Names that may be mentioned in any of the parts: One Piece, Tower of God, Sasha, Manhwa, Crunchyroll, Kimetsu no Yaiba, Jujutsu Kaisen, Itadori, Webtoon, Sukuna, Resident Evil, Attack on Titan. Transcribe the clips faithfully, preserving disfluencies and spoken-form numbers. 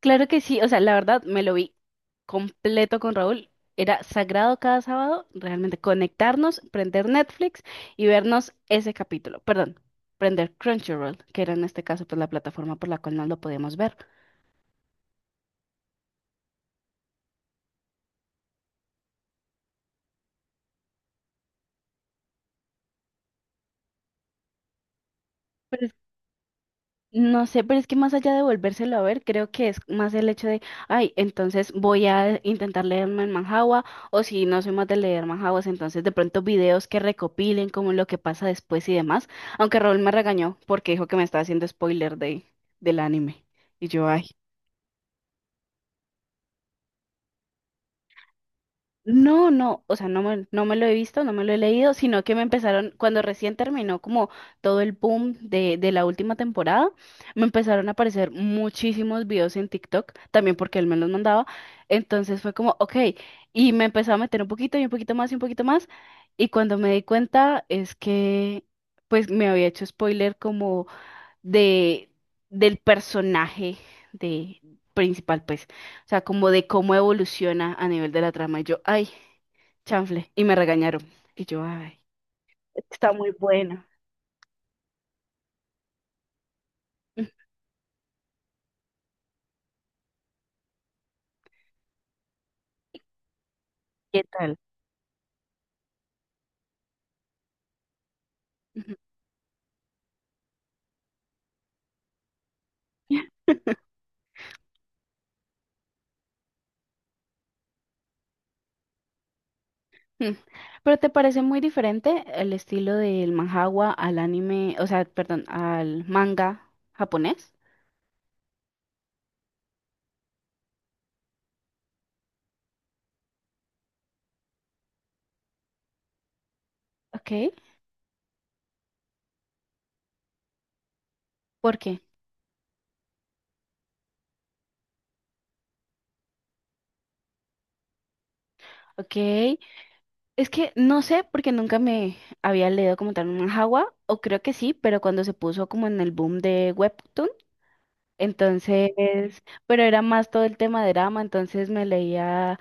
Claro que sí, o sea, la verdad me lo vi completo con Raúl. Era sagrado cada sábado realmente conectarnos, prender Netflix y vernos ese capítulo. Perdón, prender Crunchyroll, que era en este caso pues la plataforma por la cual no lo podíamos ver. No sé, pero es que más allá de volvérselo a ver, creo que es más el hecho de, ay, entonces voy a intentar leerme en Manhwa, o si no soy más de leer manhwas, entonces de pronto videos que recopilen como lo que pasa después y demás, aunque Raúl me regañó porque dijo que me estaba haciendo spoiler de, del anime. Y yo, ay. No, no, o sea, no me, no me lo he visto, no me lo he leído, sino que me empezaron, cuando recién terminó como todo el boom de, de la última temporada, me empezaron a aparecer muchísimos videos en TikTok, también porque él me los mandaba, entonces fue como, ok, y me empezó a meter un poquito y un poquito más y un poquito más, y cuando me di cuenta es que pues me había hecho spoiler como de del personaje de principal, pues, o sea, como de cómo evoluciona a nivel de la trama. Y yo, ay, chanfle, y me regañaron. Y yo, ay, está muy bueno. Mm, ¿qué tal? Ujú. Mm. Pero te parece muy diferente el estilo del manhwa al anime, o sea, perdón, al manga japonés. Ok, ¿por qué? Ok, es que no sé porque nunca me había leído como tal un manhwa, o creo que sí, pero cuando se puso como en el boom de Webtoon, entonces, pero era más todo el tema de drama, entonces me leía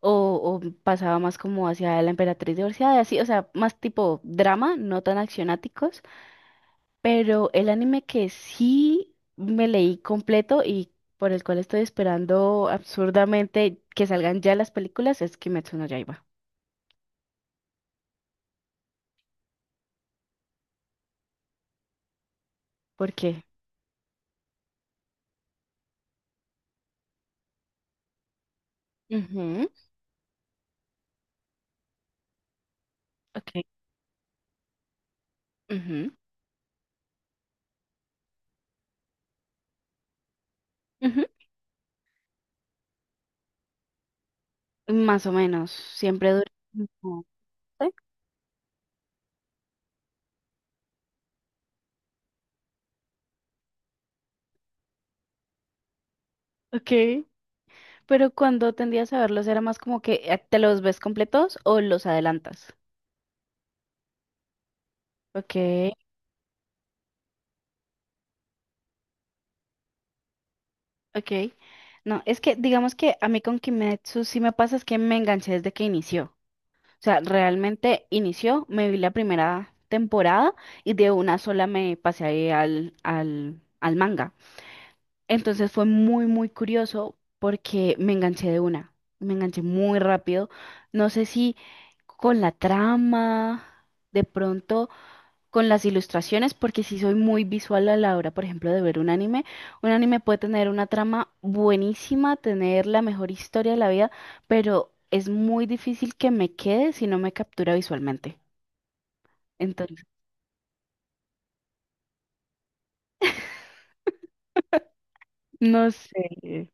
o, o pasaba más como hacia la emperatriz divorciada, así, o sea, más tipo drama, no tan accionáticos, pero el anime que sí me leí completo y por el cual estoy esperando absurdamente que salgan ya las películas es Kimetsu no Yaiba. ¿Por qué? Ujú, ok. Ujú, ujú. Más o menos, siempre dura. Como... ¿sí? Ok, pero cuando tendías a verlos era más como que eh, te los ves completos o los adelantas. Ok, ok. No, es que digamos que a mí con Kimetsu sí me pasa es que me enganché desde que inició. O sea, realmente inició, me vi la primera temporada y de una sola me pasé ahí al, al, al manga. Entonces fue muy, muy curioso porque me enganché de una, me enganché muy rápido. No sé si con la trama, de pronto con las ilustraciones, porque sí soy muy visual a la hora, por ejemplo, de ver un anime. Un anime puede tener una trama buenísima, tener la mejor historia de la vida, pero es muy difícil que me quede si no me captura visualmente. Entonces, no sé.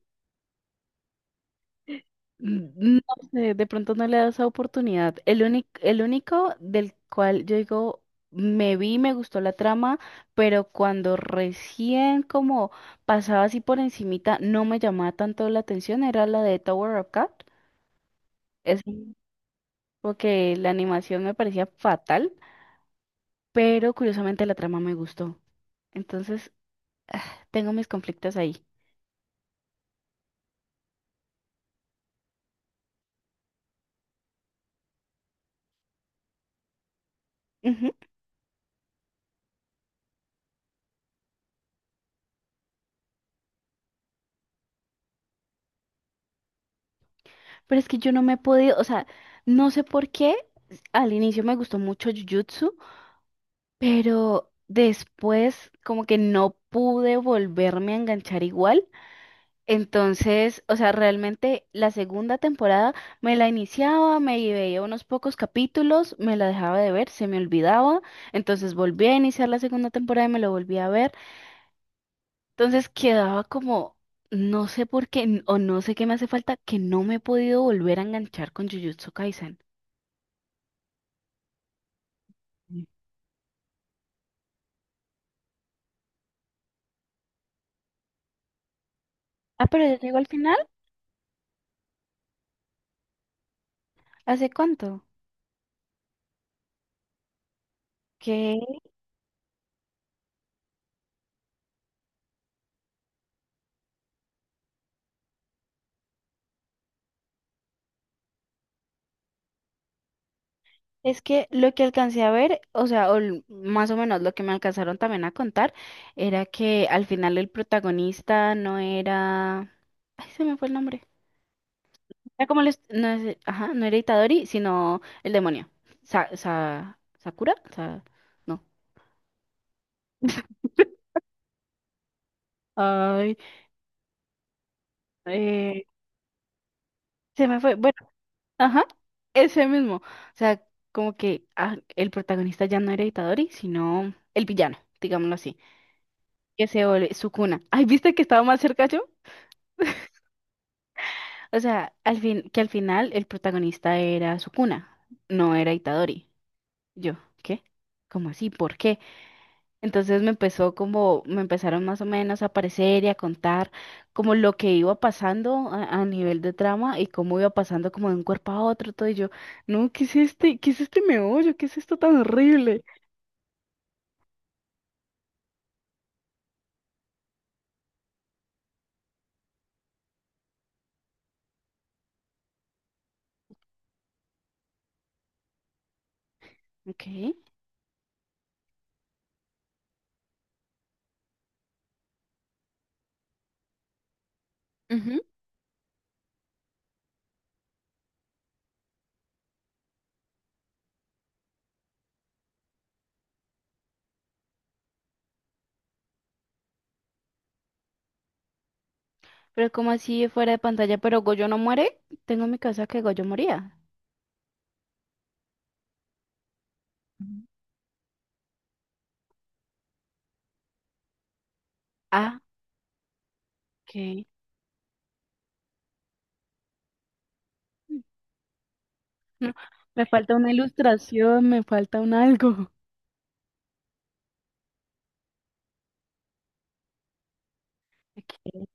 No sé, de pronto no le da esa oportunidad. El único, el único del cual yo digo, me vi, me gustó la trama, pero cuando recién como pasaba así por encimita, no me llamaba tanto la atención, era la de Tower of God. Es porque la animación me parecía fatal, pero curiosamente la trama me gustó. Entonces, tengo mis conflictos ahí. Ujú. Pero es que yo no me he podido, o sea, no sé por qué. Al inicio me gustó mucho Jujutsu, pero después como que no pude volverme a enganchar igual. Entonces, o sea, realmente la segunda temporada me la iniciaba, me veía unos pocos capítulos, me la dejaba de ver, se me olvidaba. Entonces volví a iniciar la segunda temporada y me lo volví a ver. Entonces quedaba como, no sé por qué n- o no sé qué me hace falta, que no me he podido volver a enganchar con Jujutsu Kaisen. Mm. Ah, pero ya llegó al final. ¿Hace cuánto? Es que lo que alcancé a ver, o sea, o l- más o menos lo que me alcanzaron también a contar, era que al final el protagonista no era... Ay, se me fue el nombre. Era como el... est- No es- ajá, no era Itadori, sino el demonio. Sa- sa- ¿Sakura? Sa- No. Ay, eh, se me fue. Bueno, ajá, ese mismo. O sea, como que ah, el protagonista ya no era Itadori, sino el villano, digámoslo así. Que se vuelve Sukuna. Ay, ¿viste que estaba más cerca yo? O sea, al fin, que al final el protagonista era Sukuna, no era Itadori. Yo, ¿qué? ¿Cómo así? ¿Por qué? Entonces me empezó como, me empezaron más o menos a aparecer y a contar como lo que iba pasando a, a nivel de trama y cómo iba pasando como de un cuerpo a otro, todo y yo, no, ¿qué es este? ¿Qué es este meollo? ¿Qué es esto tan horrible? Ok. Ujú, pero como así fuera de pantalla, pero Goyo no muere, tengo en mi casa que Goyo moría. Ujú. Ah, ok. No, me falta una ilustración, me falta un algo. Aquí,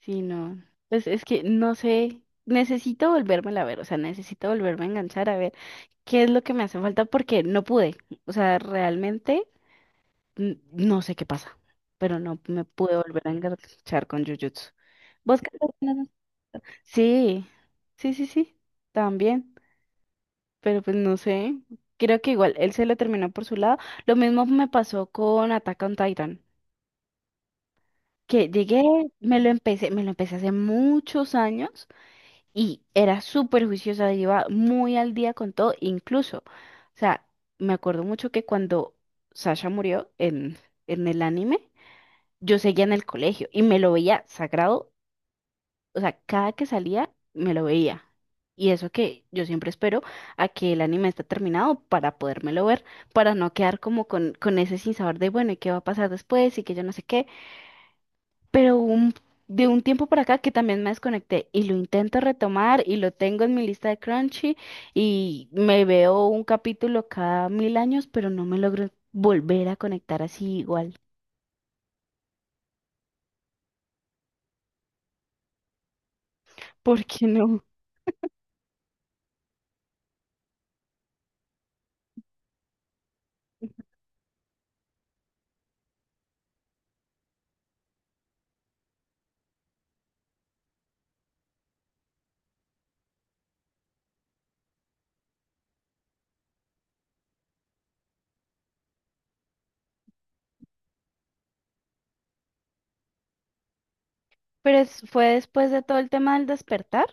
sí, no. Pues es que no sé, necesito volverme a ver, o sea, necesito volverme a enganchar a ver qué es lo que me hace falta porque no pude. O sea, realmente n- no sé qué pasa, pero no me pude volver a enganchar con Jujutsu. ¿Vos qué estás viendo? Sí, sí, sí, sí, también, pero pues no sé. Creo que igual él se lo terminó por su lado. Lo mismo me pasó con Attack on Titan. Que llegué, me lo empecé, me lo empecé hace muchos años y era súper juiciosa, iba muy al día con todo, incluso, o sea, me acuerdo mucho que cuando Sasha murió en, en el anime, yo seguía en el colegio y me lo veía sagrado, o sea, cada que salía me lo veía. Y eso que yo siempre espero a que el anime esté terminado para podérmelo ver, para no quedar como con, con ese sinsabor de, bueno, ¿y qué va a pasar después? Y que yo no sé qué, pero un- de un tiempo para acá que también me desconecté y lo intento retomar y lo tengo en mi lista de Crunchy y me veo un capítulo cada mil años, pero no me logro volver a conectar así igual. ¿Por qué no? Pero es- fue después de todo el tema del despertar.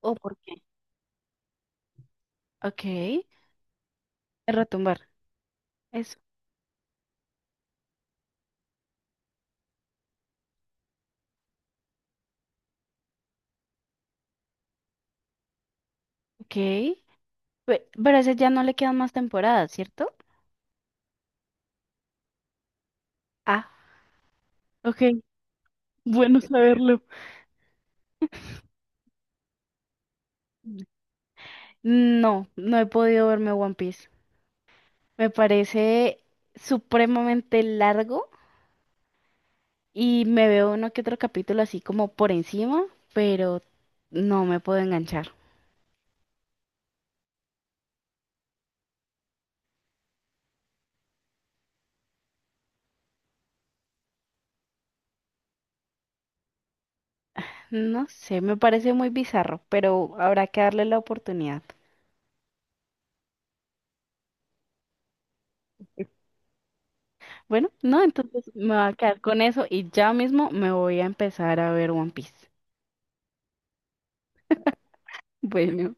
¿O por qué? Ok, de retumbar. Eso. Ok. Pe- Pero a ese ya no le quedan más temporadas, ¿cierto? Ah, ok. Bueno saberlo. No, no he podido verme One Piece. Me parece supremamente largo y me veo uno que otro capítulo así como por encima, pero no me puedo enganchar. No sé, me parece muy bizarro, pero habrá que darle la oportunidad. Bueno, no, entonces me voy a quedar con eso y ya mismo me voy a empezar a ver One Piece. Bueno.